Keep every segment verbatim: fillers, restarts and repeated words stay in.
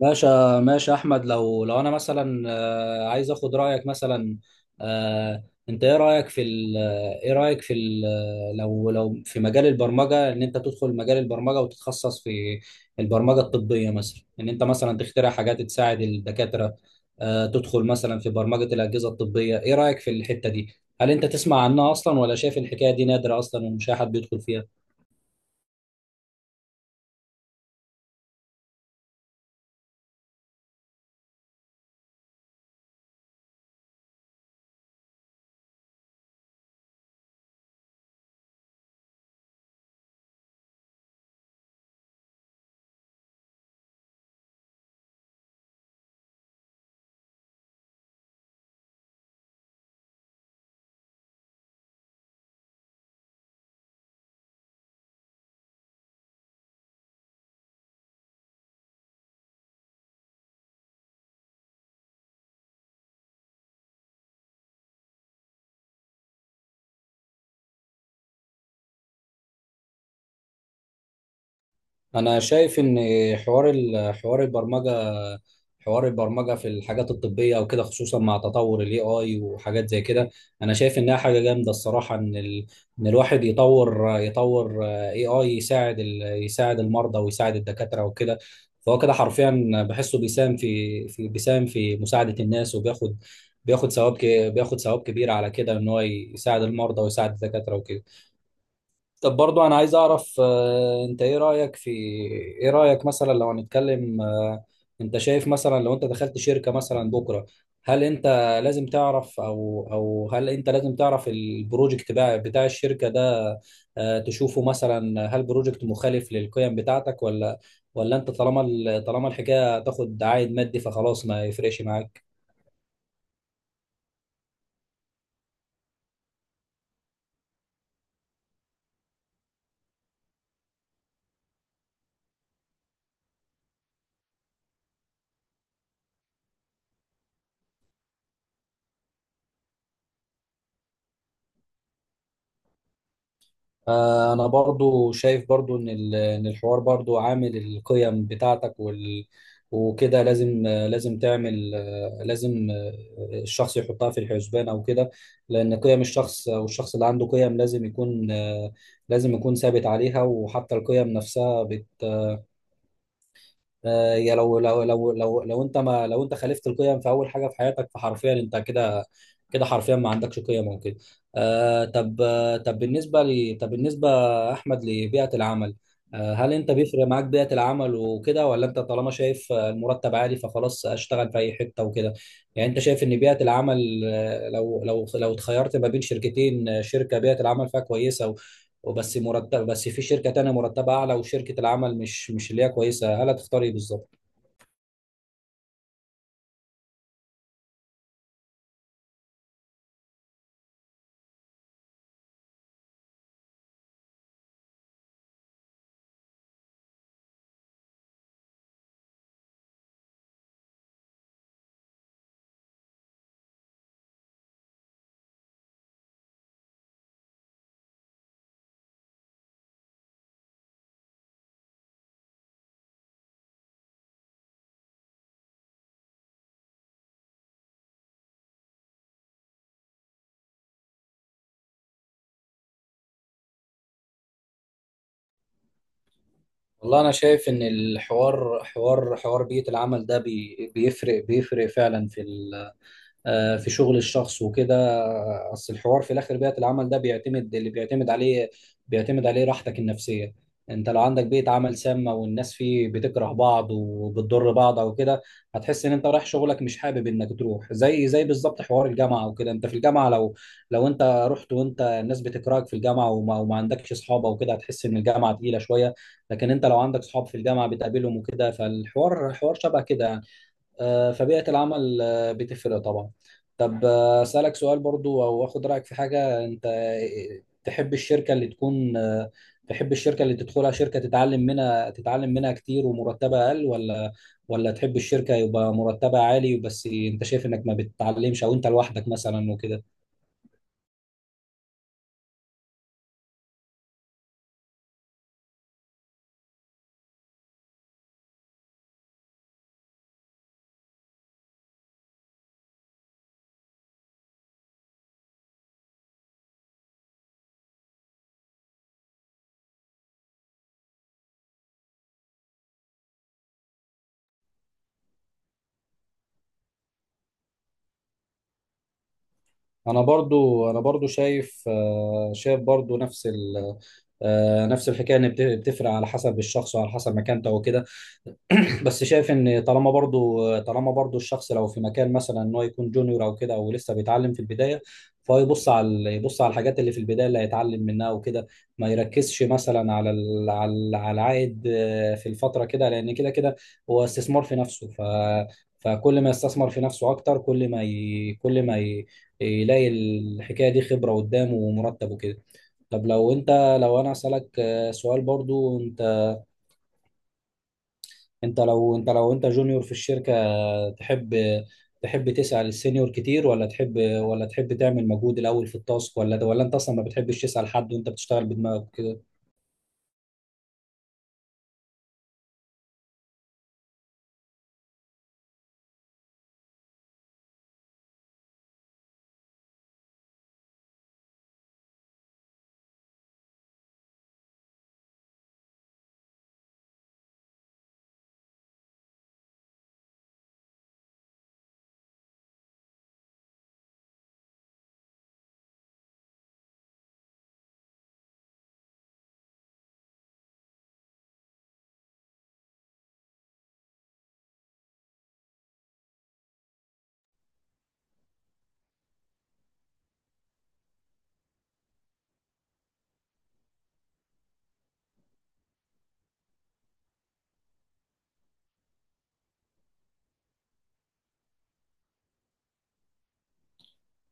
ماشي ماشي يا احمد، لو لو انا مثلا، آه، عايز اخد رايك مثلا. آه، انت ايه رايك في ال- ايه رايك في ال- آه، لو لو في مجال البرمجه، ان انت تدخل مجال البرمجه وتتخصص في البرمجه الطبيه مثلا، ان انت مثلا تخترع حاجات تساعد الدكاتره، آه، تدخل مثلا في برمجه الاجهزه الطبيه. ايه رايك في الحته دي؟ هل انت تسمع عنها اصلا، ولا شايف الحكايه دي نادره اصلا ومش اي حد بيدخل فيها؟ انا شايف ان حوار ال- حوار البرمجه حوار البرمجه في الحاجات الطبيه وكده، خصوصا مع تطور الاي اي وحاجات زي كده، انا شايف انها حاجه جامده الصراحه. ان ال... ان الواحد يطور يطور اي اي يساعد، ال... يساعد المرضى ويساعد الدكاتره وكده. فهو كده حرفيا بحسه بيساهم في في بيساهم في مساعده الناس، وبياخد بياخد ثواب ك... بياخد ثواب كبير على كده، ان هو يساعد المرضى ويساعد الدكاتره وكده. طب برضو انا عايز اعرف، آه، انت ايه رأيك في، ايه رأيك مثلا لو هنتكلم، آه، انت شايف مثلا، لو انت دخلت شركة مثلا بكرة، هل انت لازم تعرف، او او هل انت لازم تعرف البروجكت بتاع بتاع الشركة ده، آه، تشوفه مثلا هل بروجكت مخالف للقيم بتاعتك، ولا ولا انت طالما ال- طالما الحكاية تاخد عائد مادي فخلاص ما يفرقش معاك؟ آه، انا برضو شايف برضو ان ال- إن الحوار برضو عامل القيم بتاعتك، وال وكده لازم، آه، لازم تعمل آه، لازم آه، الشخص يحطها في الحسبان او كده، لان قيم الشخص، او الشخص اللي عنده قيم لازم يكون، آه، لازم يكون ثابت عليها، وحتى القيم نفسها بت آه، يا لو لو لو لو لو انت ما لو انت خالفت القيم في اول حاجه في حياتك، فحرفيا انت كده. كده حرفيا ما عندكش قيم او كده. آه طب، آه، طب بالنسبه لي، طب بالنسبه احمد لبيئه العمل، آه هل انت بيفرق معاك بيئه العمل وكده، ولا انت طالما شايف آه، المرتب عالي فخلاص اشتغل في اي حته وكده؟ يعني انت شايف ان بيئه العمل، آه، لو لو لو اتخيرت ما بين شركتين، آه، شركه بيئه العمل فيها كويسه وبس مرتب، بس في شركة تانية مرتبة أعلى وشركة العمل مش مش اللي هي كويسة، هل هتختار إيه بالظبط؟ والله أنا شايف إن الحوار حوار حوار بيئة العمل ده، بي بيفرق بيفرق فعلا في ال، آه، في شغل الشخص وكده. آه، اصل الحوار في الاخر، بيئة العمل ده بيعتمد اللي بيعتمد عليه بيعتمد عليه راحتك النفسية. انت لو عندك بيئة عمل سامة، والناس فيه بتكره بعض وبتضر بعض او كده، هتحس ان انت رايح شغلك مش حابب انك تروح، زي زي بالظبط حوار الجامعة وكده. انت في الجامعة لو لو انت رحت وانت الناس بتكرهك في الجامعة، وما, وما عندكش اصحاب او كده، هتحس ان الجامعة تقيلة شوية. لكن انت لو عندك اصحاب في الجامعة بتقابلهم وكده، فالحوار حوار شبه كده. آه، فبيئة العمل آه، بتفرق طبعا. طب آه، أسألك سؤال برضو، أو أخد رأيك في حاجة، أنت آه، تحب الشركة اللي تكون آه، تحب الشركة اللي تدخلها شركة تتعلم منها تتعلم منها كتير ومرتبها أقل، ولا ولا تحب الشركة يبقى مرتبها عالي، بس أنت شايف إنك ما بتتعلمش أو أنت لوحدك مثلا وكده؟ أنا برضو أنا برضو شايف آه، شايف برضو نفس ال آه، نفس الحكاية إن بت- بتفرق على حسب الشخص وعلى حسب مكانته وكده. بس شايف ان طالما برضو طالما برضو الشخص لو في مكان، مثلا ان هو يكون جونيور او كده، او لسه بيتعلم في البدايه، فهو يبص على يبص على الحاجات اللي في البدايه اللي هيتعلم منها وكده، ما يركزش مثلا على ال- على ال- على العائد، آه، في الفتره كده، لان كده كده هو استثمار في نفسه. ف فكل ما يستثمر في نفسه اكتر، كل ما ي... كل ما ي... يلاقي الحكايه دي خبره قدامه ومرتب وكده. طب لو انت لو انا اسالك آه، سؤال برضو، انت انت لو انت لو انت جونيور في الشركه. تحب تحب تسعى للسينيور كتير، ولا تحب ولا تحب تعمل مجهود الاول في التاسك، ولا ولا انت اصلا ما بتحبش تسأل حد، وانت بتشتغل بدماغك كده؟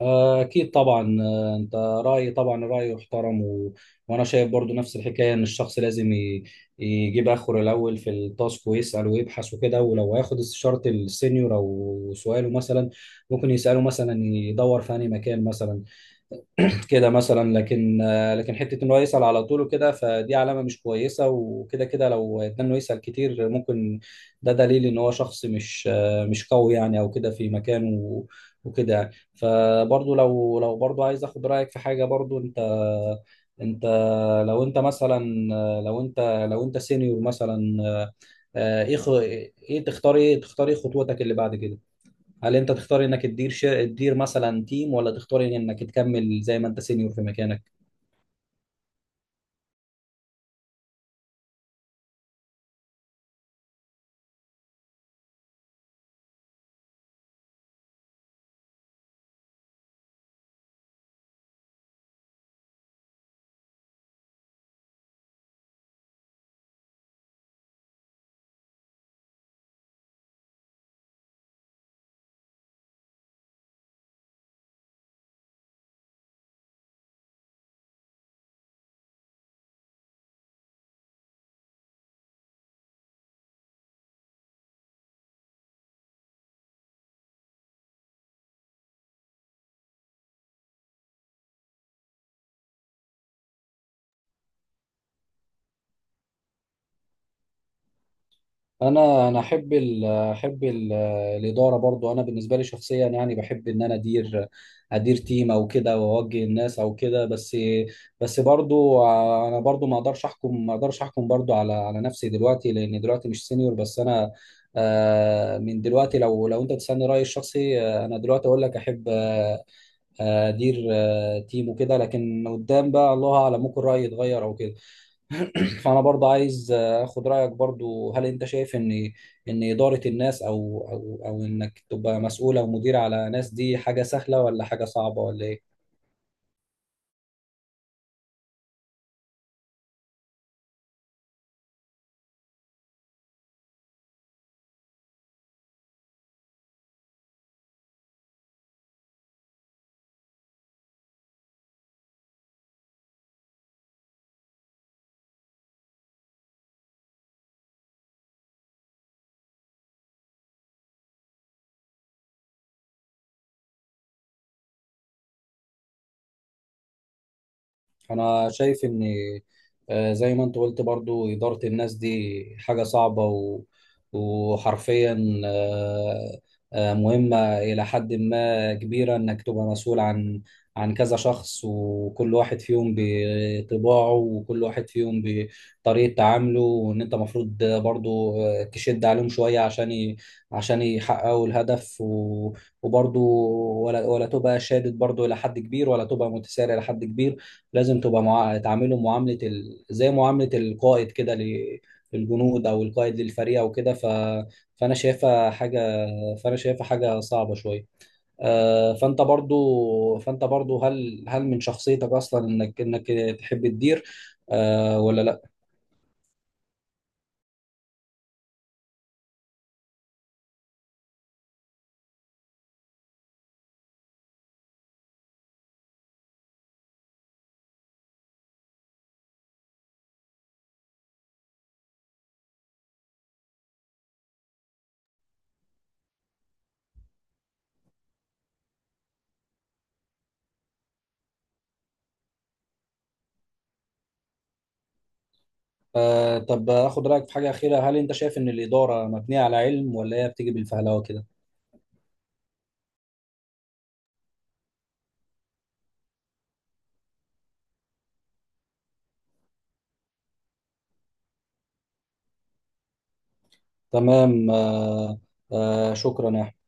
آه، اكيد طبعا. آه، انت رايي طبعا رايي يحترم، و... وانا شايف برضو نفس الحكايه ان الشخص لازم ي... يجيب اخره الاول في التاسك، ويسأل ويبحث وكده، ولو هياخد استشاره السينيور او سؤاله مثلا، ممكن يسأله مثلا يدور في أي مكان مثلا كده مثلا. لكن لكن حته ان هو يسال على طول وكده فدي علامه مش كويسه وكده. كده لو اتنى انه يسال كتير، ممكن ده دليل ان هو شخص مش مش قوي يعني او كده في مكانه وكده يعني. فبرضه لو لو برضه عايز اخد رايك في حاجه برضه، انت انت لو انت مثلا لو انت لو انت سينيور مثلا، آه، ايه خ- ايه تختار ايه تختار ايه خطوتك اللي بعد كده؟ هل انت تختار انك تدير شر... تدير مثلا تيم، ولا تختار انك تكمل زي ما انت سينيور في مكانك؟ انا انا احب ال احب ال الاداره، برضو انا بالنسبه لي شخصيا يعني بحب ان انا ادير ادير تيم او كده، واوجه الناس او كده. بس بس برضو ع- انا برضو ما اقدرش احكم ما اقدرش احكم برضو على على نفسي دلوقتي، لان دلوقتي مش سينيور بس انا، آه، من دلوقتي لو لو انت تسالني رايي الشخصي، آه، انا دلوقتي اقول لك احب، آه، آه، ادير آه، تيم وكده، لكن قدام بقى الله اعلم، ممكن رايي يتغير او كده. فانا برضه عايز اخد رايك برضه، هل انت شايف ان ان اداره الناس، او او او انك تبقى مسؤول او مدير على ناس دي حاجه سهله، ولا حاجه صعبه، ولا ايه؟ انا شايف ان آه، زي ما انت قلت برضو اداره الناس دي حاجه صعبه، و... وحرفيا، آه، آه، مهمه الى حد ما كبيره، انك تبقى مسؤول عن عن كذا شخص، وكل واحد فيهم بطباعه، وكل واحد فيهم بطريقه تعامله، وان انت مفروض برضو آه، تشد عليهم شويه عشان ي... عشان يحققوا الهدف، و... وبرضو ولا ولا تبقى شادد برضو الى حد كبير، ولا تبقى متسارع الى حد كبير. لازم تبقى مع... تعامله معاملة ال... زي معاملة القائد كده ل- للجنود، او القائد للفريق او كده. ف... فانا شايفها حاجة فانا شايفها حاجة صعبة شوية. آه، فانت برضو فانت برضو، هل هل من شخصيتك اصلا انك انك تحب تدير آه ولا لا؟ آه طب اخد رايك في حاجه اخيره، هل انت شايف ان الاداره مبنيه على علم، ولا هي بتيجي بالفهلوه كده؟ تمام. آه آه شكرا يا